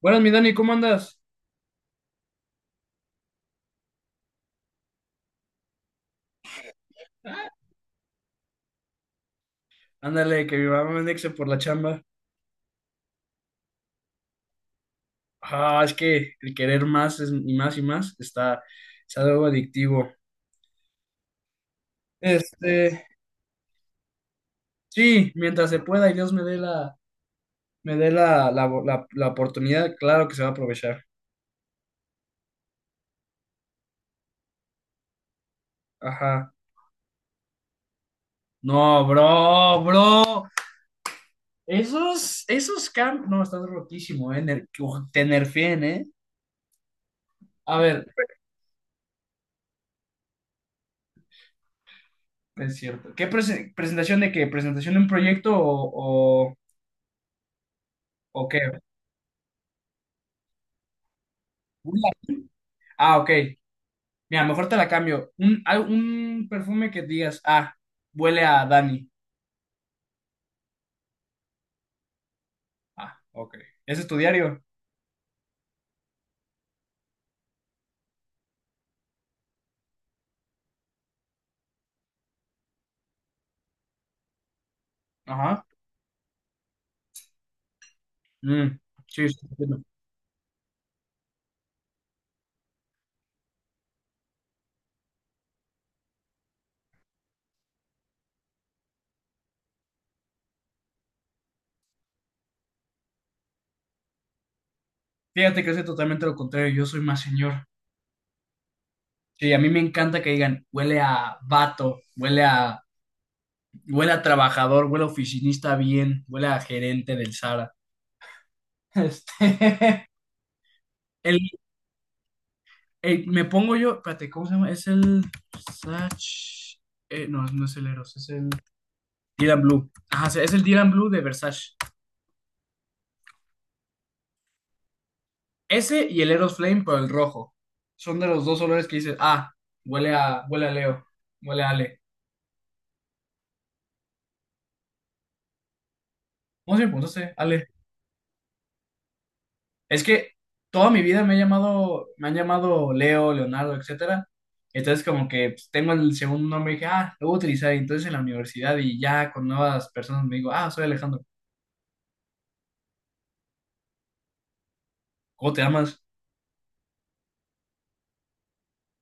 Buenas, mi Dani, ¿cómo andas? Ándale, que mi mamá me andexe por la chamba. Ah, es que el querer más y más y más está, es algo adictivo. Este, sí, mientras se pueda y Dios me dé la oportunidad, claro que se va a aprovechar. Ajá. No, bro, bro. Esos no, estás rotísimo. Uf, te nerfeen. A ver, es cierto. ¿Qué presentación de qué? ¿Presentación de un proyecto o qué? Ah, ok. Mira, mejor te la cambio. Un perfume que digas, ah, huele a Dani. Ah, ok. ¿Ese es tu diario? Ajá. Mm, sí, sí, entiendo. Fíjate que soy totalmente lo contrario. Yo soy más señor. Sí, a mí me encanta que digan, huele a vato, huele a trabajador, huele a oficinista bien, huele a gerente del Sara. Este, el, me pongo yo, espérate, ¿cómo se llama? Es el Versace. No, no es el Eros, es el Dylan Blue. Ajá, sí, es el Dylan Blue de Versace. Ese y el Eros Flame, pero el rojo. Son de los dos olores que dices, ah, huele a Leo, huele a Ale. ¿Cómo se me preguntaste, Ale? Es que toda mi vida me he llamado, me han llamado Leo, Leonardo, etcétera. Entonces como que pues, tengo el segundo nombre y dije, ah, lo voy a utilizar. Y entonces en la universidad y ya con nuevas personas me digo, ah, soy Alejandro. ¿Cómo te llamas?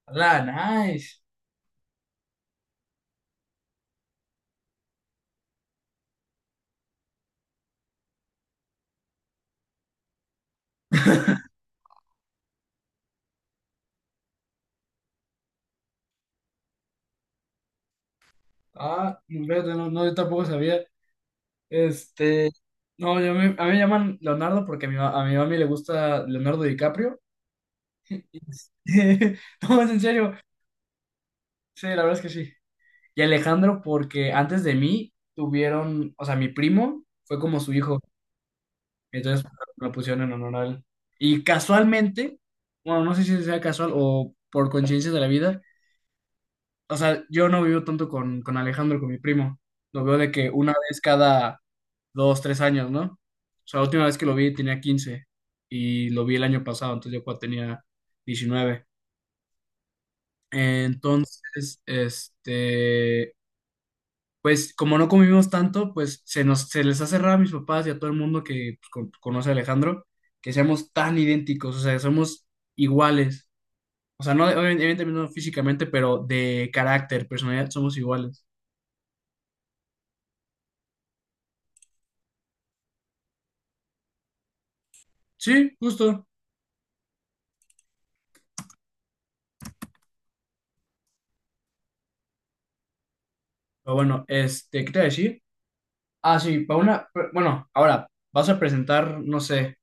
Hola, nice. Ah, fíjate, no, no, yo tampoco sabía. Este, no, a mí me llaman Leonardo porque a mi mami le gusta Leonardo DiCaprio. Este, No, es en serio. Sí, la verdad es que sí. Y Alejandro, porque antes de mí tuvieron, o sea, mi primo fue como su hijo, entonces lo pusieron en honor a él. Y casualmente, bueno, no sé si sea casual o por coincidencia de la vida, o sea, yo no vivo tanto con Alejandro, con mi primo. Lo veo de que una vez cada dos, tres años, ¿no? O sea, la última vez que lo vi tenía 15 y lo vi el año pasado, entonces yo cuando tenía 19. Entonces, pues como no convivimos tanto, pues se nos, se les ha cerrado a mis papás y a todo el mundo que pues, conoce a Alejandro, que seamos tan idénticos, o sea, somos iguales. O sea, no, evidentemente no físicamente, pero de carácter, personalidad, somos iguales. Sí, justo. Pero bueno, ¿qué te iba a decir? Ah, sí, bueno, ahora, vas a presentar, no sé,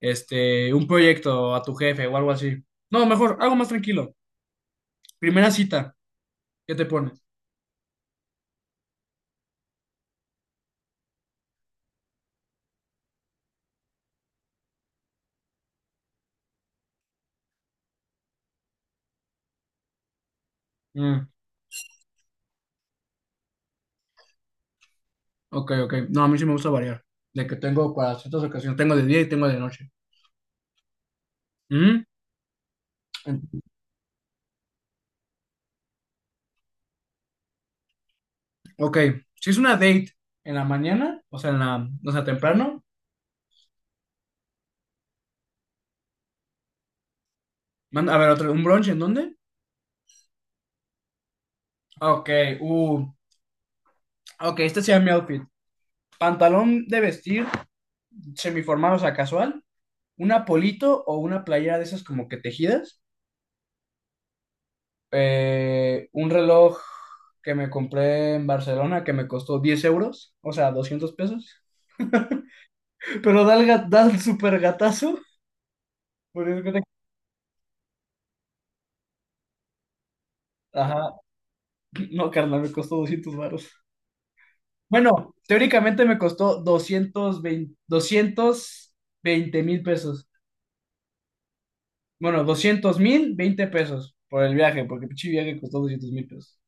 un proyecto a tu jefe o algo así. No, mejor, algo más tranquilo. Primera cita, ¿qué te pones? Mm, ok, ok. No, a mí sí me gusta variar. De que tengo para ciertas ocasiones, tengo de día y tengo de noche. Mm, en- ok, si es una date en la mañana, o sea, en la, o sea, temprano. A ver, otro, ¿un brunch en dónde? Ok, uh, ok, este sería mi outfit. Pantalón de vestir, semiformal, o sea, casual. Un apolito o una playera de esas como que tejidas. Un reloj que me compré en Barcelona que me costó 10 euros, o sea, 200 pesos. Pero da el super gatazo. Porque haz de cuenta Ajá. No, carnal, me costó 200 varos. Bueno, teóricamente me costó 220, 220,000 pesos. Bueno, 200,000, 20 pesos por el viaje, porque el pinche viaje costó 200,000 pesos.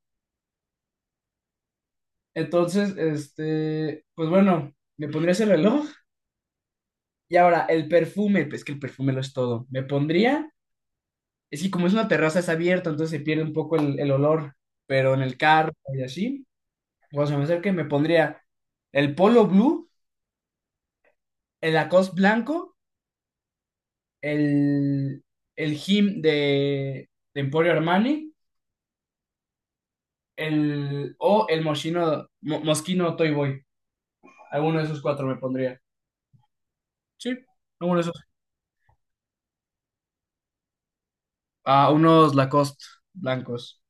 Entonces, pues bueno, me pondría ese reloj. Y ahora, el perfume, pues que el perfume lo es todo. Me pondría, es que como es una terraza, es abierta, entonces se pierde un poco el olor, pero en el carro y así. O sea me acerca y me pondría el polo blue, el Lacoste blanco, el, el Him de Emporio Armani, el, o el Moschino, Moschino Toy Boy. Alguno de esos cuatro me pondría. Sí, alguno de esos. Ah, unos Lacoste blancos.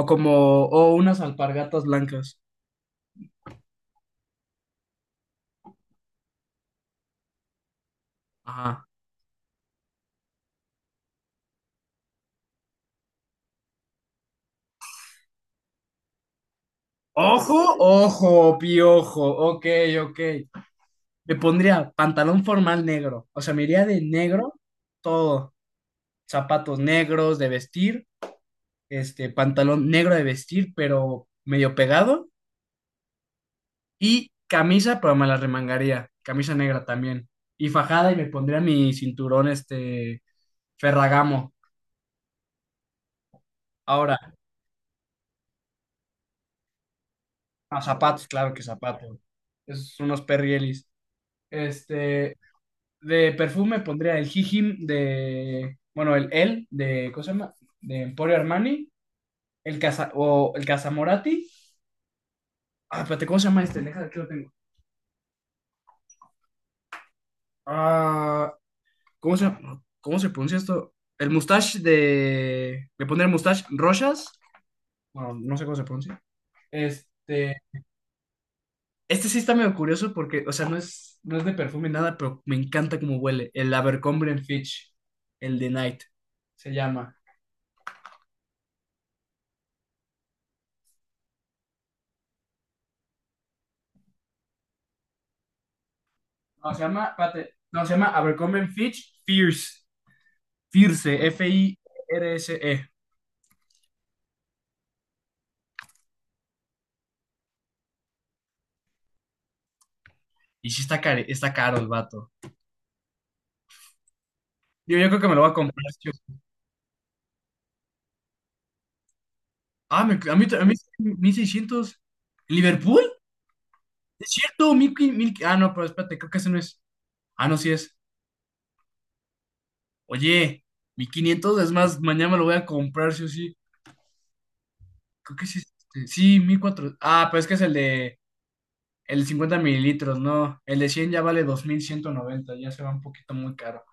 O como, o unas alpargatas blancas. Ajá. Ojo, ojo, piojo. Ok, ok. Me pondría pantalón formal negro. O sea, me iría de negro todo. Zapatos negros de vestir, este pantalón negro de vestir, pero medio pegado, y camisa, pero me la remangaría, camisa negra también, y fajada y me pondría mi cinturón este Ferragamo. Ahora, a zapatos, claro que zapatos, esos son unos perrielis. Este, de perfume pondría el hijim de, bueno, el de, ¿cómo se llama? De Emporio Armani, el Casa, o el Casamorati. Ah, espérate, ¿cómo se llama este? Deja, aquí lo tengo. Ah, ¿Cómo se, cómo se pronuncia esto? El mustache de. De poner mustache Rochas. Bueno, no sé cómo se pronuncia. Este. Este sí está medio curioso porque, o sea, no es de perfume nada, pero me encanta cómo huele. El Abercrombie and Fitch. El de Night. Se llama. No, se llama, espérate, no, se llama Abercrombie and Fitch Fierce. Fierce. F-I-R-S-E. Y sí está caro, está caro el vato. Yo creo que me lo voy a comprar. Sí. Ah, a mí, 1,600. ¿Liverpool? Es cierto, ah, no, pero espérate, creo que ese no es. Ah, no, sí es. Oye, 1,500 es más, mañana me lo voy a comprar, sí o sí. Creo que sí es este. Sí, 1400. Ah, pero es que es el de 50 mililitros, no. El de 100 ya vale 2,190, ya se va un poquito muy caro.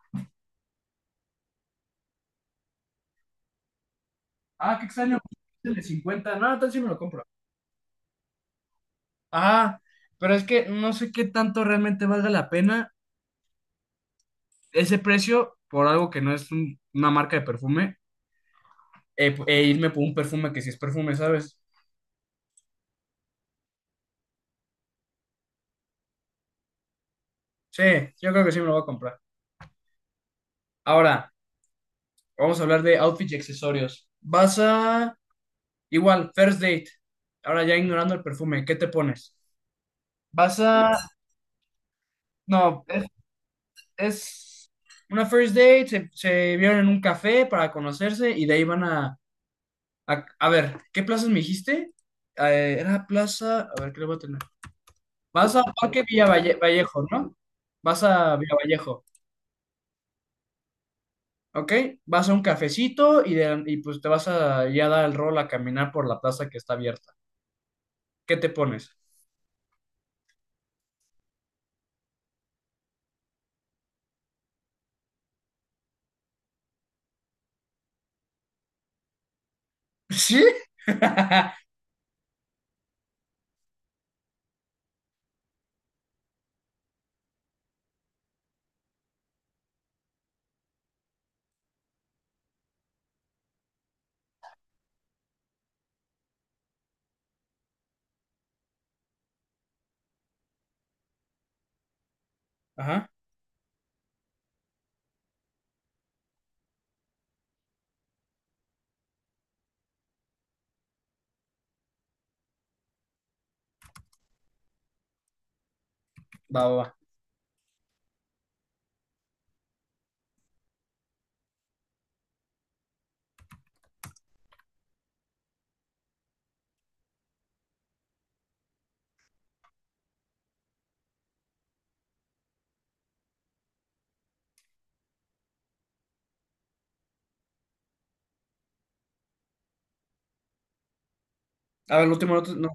Ah, qué extraño. El de 50 no, entonces sí me lo compro. Ah, pero es que no sé qué tanto realmente valga la pena ese precio por algo que no es una marca de perfume, e irme por un perfume que sí es perfume, ¿sabes? Sí, yo creo que sí me lo voy a comprar. Ahora, vamos a hablar de outfits y accesorios. Vas a, igual, first date. Ahora ya ignorando el perfume, ¿qué te pones? Vas a, no, es una first date, se vieron en un café para conocerse y de ahí van a ver, ¿qué plazas me dijiste? Era plaza, a ver, ¿qué le voy a tener? Vas a Parque Villa Vallejo, ¿no? Vas a Villa Vallejo. Ok, vas a un cafecito y, y pues te vas a ya dar el rol a caminar por la plaza que está abierta. ¿Qué te pones? ¿Sí? Ajá, va, va, va. A ver, el último no. No.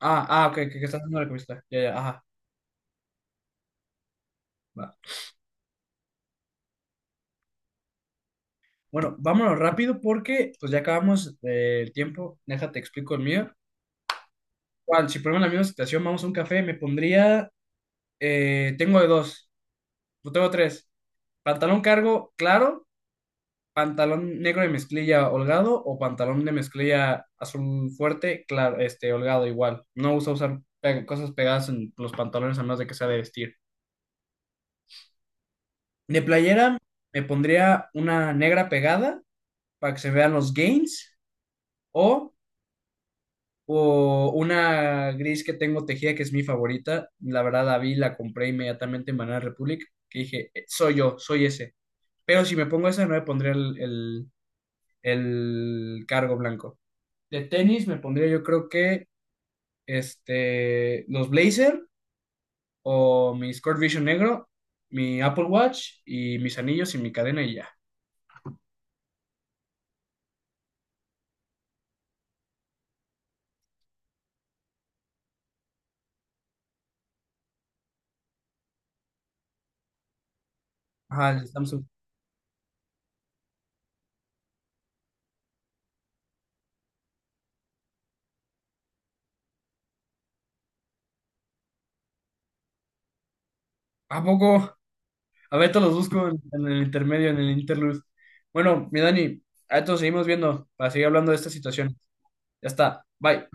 Ah, ah, ok, que estás haciendo la entrevista. Ya, ya, ajá, va. Bueno, vámonos rápido porque pues ya acabamos el tiempo. Déjate explico el mío. Igual, si ponemos la misma situación, vamos a un café, me pondría. Tengo de dos, no tengo tres. Pantalón cargo, claro. Pantalón negro de mezclilla holgado o pantalón de mezclilla azul fuerte, claro, holgado igual. No uso usar cosas pegadas en los pantalones a menos de que sea de vestir. De playera me pondría una negra pegada para que se vean los gains o, o una gris que tengo tejida que es mi favorita. La verdad la vi, la compré inmediatamente en Banana Republic que dije, soy yo, soy ese". Pero si me pongo esa no me pondría el cargo blanco. De tenis me pondría yo creo que los Blazer o mi Sport Vision negro, mi Apple Watch y mis anillos y mi cadena y ya. Ajá, el Samsung. ¿A poco? A ver, te los busco en el intermedio, en el interlude. Bueno, mi Dani, a esto seguimos viendo para seguir hablando de esta situación. Ya está. Bye.